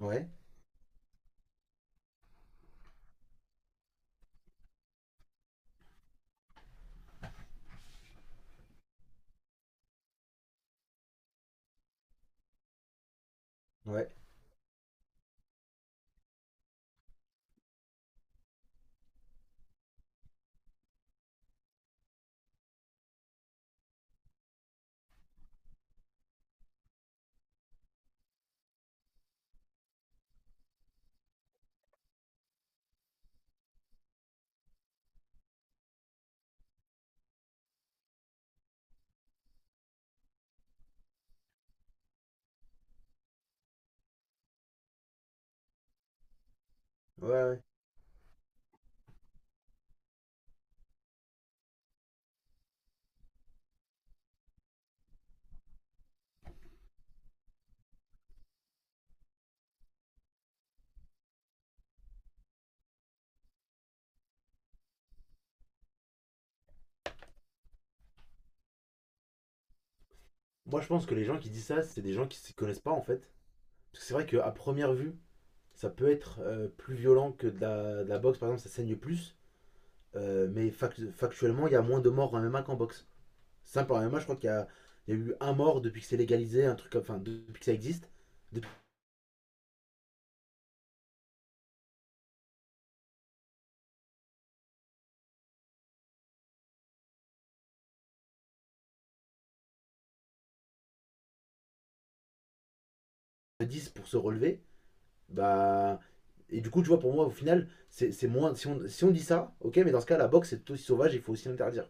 Ouais, ouais, ouais. Moi, je pense que les gens qui disent ça, c'est des gens qui s'y connaissent pas en fait. Parce que c'est vrai qu'à première vue, ça peut être plus violent que de la boxe, par exemple, ça saigne plus. Mais factuellement, il y a moins de morts en MMA qu'en boxe. Simple, en MMA, je crois qu'il y a, il y a eu un mort depuis que c'est légalisé, un truc comme. Enfin, depuis que ça existe. Depuis dix pour se relever. Bah. Et du coup, tu vois, pour moi, au final, c'est moins. Si on dit ça, ok, mais dans ce cas, la boxe, c'est tout aussi sauvage, il faut aussi l'interdire.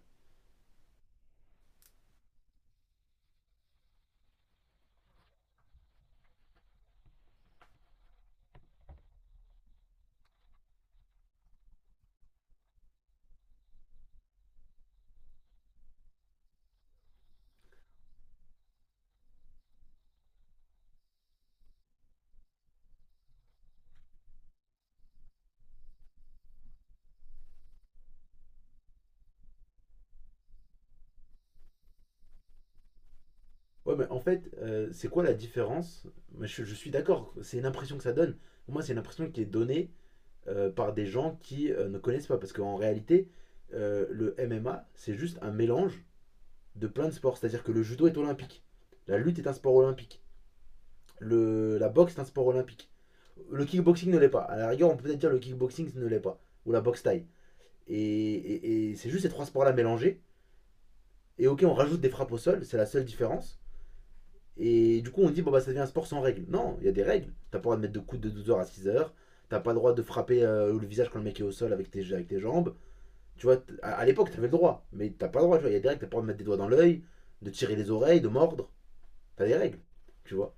Ouais, mais en fait, c'est quoi la différence? Moi, je suis d'accord, c'est une impression que ça donne. Pour moi, c'est une impression qui est donnée par des gens qui ne connaissent pas. Parce qu'en réalité, le MMA, c'est juste un mélange de plein de sports. C'est-à-dire que le judo est olympique. La lutte est un sport olympique. La boxe est un sport olympique. Le kickboxing ne l'est pas. À la rigueur, on peut peut-être dire le kickboxing ne l'est pas. Ou la boxe thaï. Et c'est juste ces trois sports-là mélangés. Et ok, on rajoute des frappes au sol, c'est la seule différence. Et du coup, on dit, bon, bah, ça devient un sport sans règles. Non, il y a des règles. T'as pas le droit de mettre de coups de 12 heures à 6 heures. T'as pas le droit de frapper le visage quand le mec est au sol avec tes jambes. Tu vois, à l'époque, t'avais le droit. Mais t'as pas le droit, tu vois. Il y a des règles. T'as pas le droit de mettre des doigts dans l'œil, de tirer les oreilles, de mordre. T'as des règles, tu vois.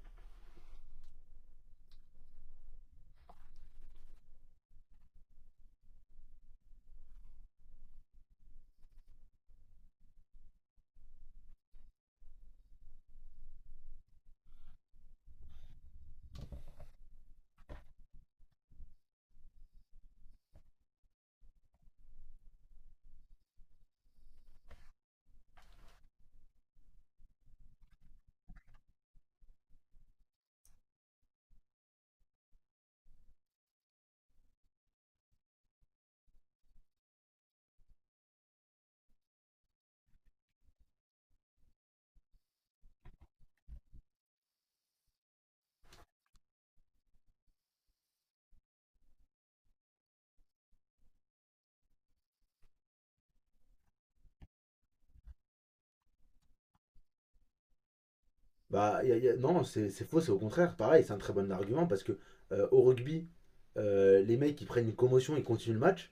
Bah, non, c'est faux, c'est au contraire. Pareil, c'est un très bon argument parce que au rugby, les mecs, ils prennent une commotion, ils continuent le match.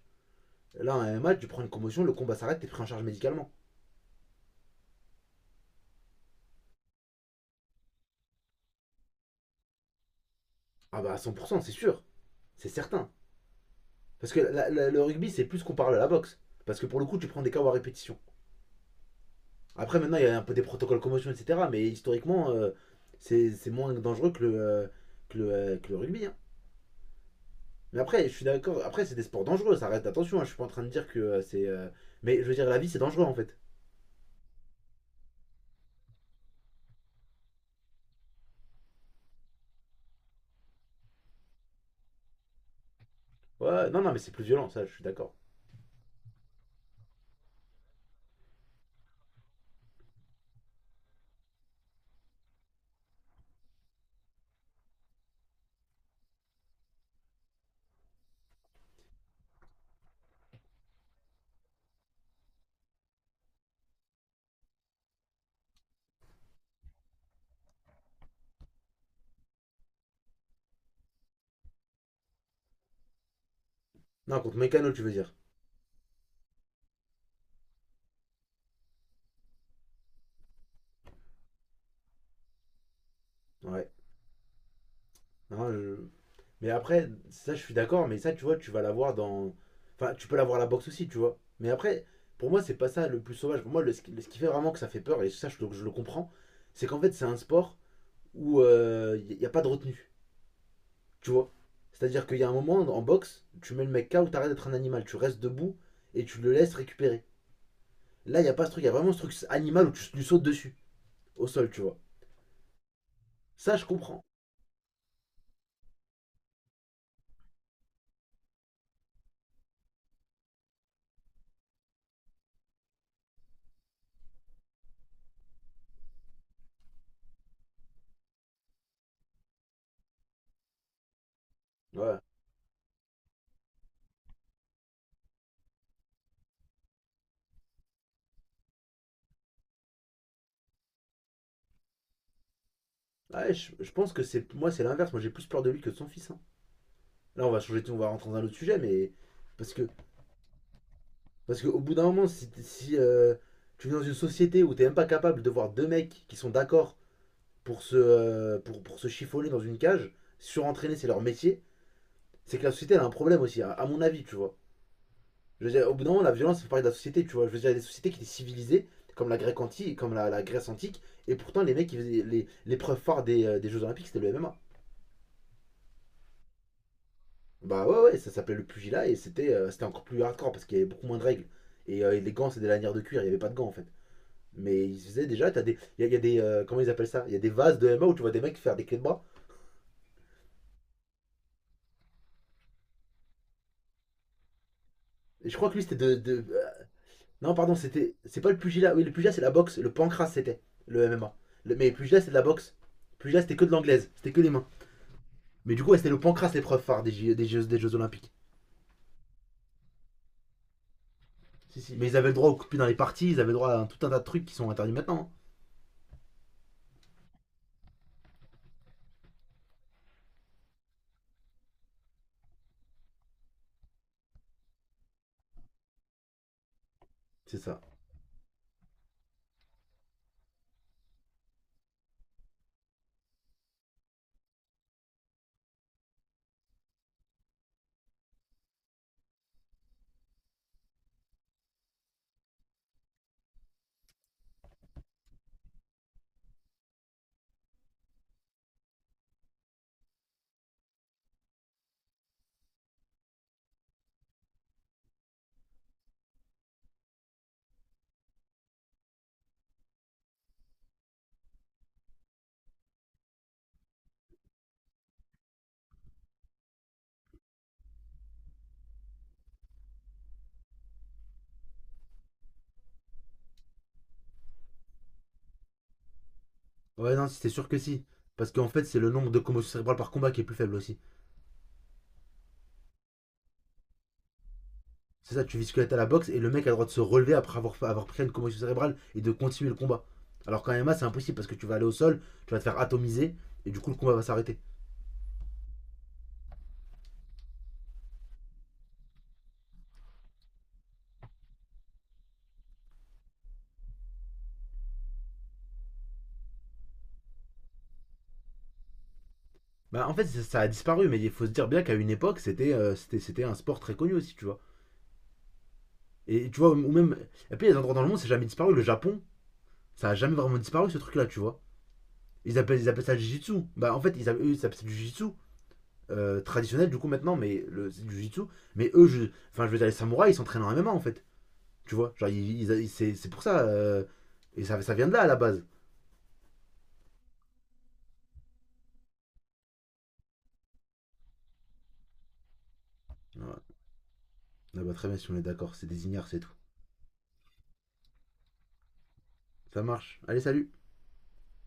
Là, en MMA, tu prends une commotion, le combat s'arrête, t'es pris en charge médicalement. Ah bah, à 100%, c'est sûr. C'est certain. Parce que le rugby, c'est plus comparable à la boxe. Parce que pour le coup, tu prends des KO à répétition. Après, maintenant, il y a un peu des protocoles commotion, etc. Mais historiquement, c'est moins dangereux que le rugby, hein. Mais après, je suis d'accord. Après, c'est des sports dangereux. Ça reste attention, hein, je suis pas en train de dire que c'est. Mais je veux dire, la vie, c'est dangereux en fait. Ouais, non, non, mais c'est plus violent, ça, je suis d'accord. Non, contre Mécano, tu veux dire. Ouais. Non, je- Mais après, ça je suis d'accord, mais ça tu vois, tu vas l'avoir dans. Enfin, tu peux l'avoir à la boxe aussi, tu vois. Mais après, pour moi, c'est pas ça le plus sauvage. Pour moi, ce qui fait vraiment que ça fait peur, et ça je le comprends, c'est qu'en fait, c'est un sport où il n'y a pas de retenue, tu vois. C'est-à-dire qu'il y a un moment en boxe, tu mets le mec KO, t'arrêtes d'être un animal, tu restes debout et tu le laisses récupérer. Là, il n'y a pas ce truc, il y a vraiment ce truc animal où tu lui sautes dessus, au sol, tu vois. Ça, je comprends. Ouais. Ouais, je pense que c'est moi, c'est l'inverse. Moi, j'ai plus peur de lui que de son fils, hein. Là, on va changer, on va rentrer dans un autre sujet, mais parce que parce qu'au bout d'un moment, si tu vis dans une société où t'es même pas capable de voir deux mecs qui sont d'accord pour se chiffonner dans une cage, surentraîner, c'est leur métier, c'est que la société elle a un problème aussi, à mon avis, tu vois. Je veux dire, au bout d'un moment, la violence fait partie de la société, tu vois. Je veux dire, il y a des sociétés qui étaient civilisées, comme la Grèce antique, comme la Grèce antique, et pourtant les mecs, ils faisaient- les preuves phare des Jeux Olympiques, c'était le MMA. Bah ouais, ouais, ça s'appelait le pugilat et c'était c'était encore plus hardcore parce qu'il y avait beaucoup moins de règles. Et les gants, c'est des lanières de cuir, il n'y avait pas de gants en fait. Mais ils faisaient déjà, t'as des. Il y a des. Comment ils appellent ça? Il y a des vases de MMA où tu vois des mecs faire des clés de bras. Et je crois que lui c'était C'est pas le pugilat. Oui, le pugilat c'est la boxe. Le pancras c'était le MMA. Mais pugilat c'est de la boxe. Pugilat c'était que de l'anglaise. C'était que des mains. Mais du coup, ouais, c'était le pancras l'épreuve phare des Jeux Olympiques. Si, si. Mais ils avaient le droit au coup de pied dans les parties, ils avaient le droit à tout un tas de trucs qui sont interdits maintenant, hein. C'est ça. Ouais, non, si, c'est sûr que si. Parce qu'en fait, c'est le nombre de commotions cérébrales par combat qui est plus faible aussi. C'est ça, tu vises que la à la boxe et le mec a le droit de se relever après avoir pris une commotion cérébrale et de continuer le combat. Alors qu'en MMA, c'est impossible parce que tu vas aller au sol, tu vas te faire atomiser et du coup, le combat va s'arrêter. Bah, en fait, ça a disparu, mais il faut se dire bien qu'à une époque, c'était c'était un sport très connu aussi, tu vois. Et tu vois, ou même. Et puis, les endroits dans le monde, c'est jamais disparu. Le Japon, ça a jamais vraiment disparu ce truc-là, tu vois. Ils appellent ça le Jiu-Jitsu. Bah, en fait, ils appellent, eux, ils appellent ça du Jiu-Jitsu traditionnel du coup maintenant, mais le c'est du jitsu. Mais eux, enfin, je veux dire, les samouraïs, ils s'entraînent en MMA en fait. Tu vois, genre, c'est pour ça. Et ça vient de là à la base. Voilà. Ah bah, très bien, si on est d'accord, c'est des ignares, c'est tout. Ça marche. Allez, salut!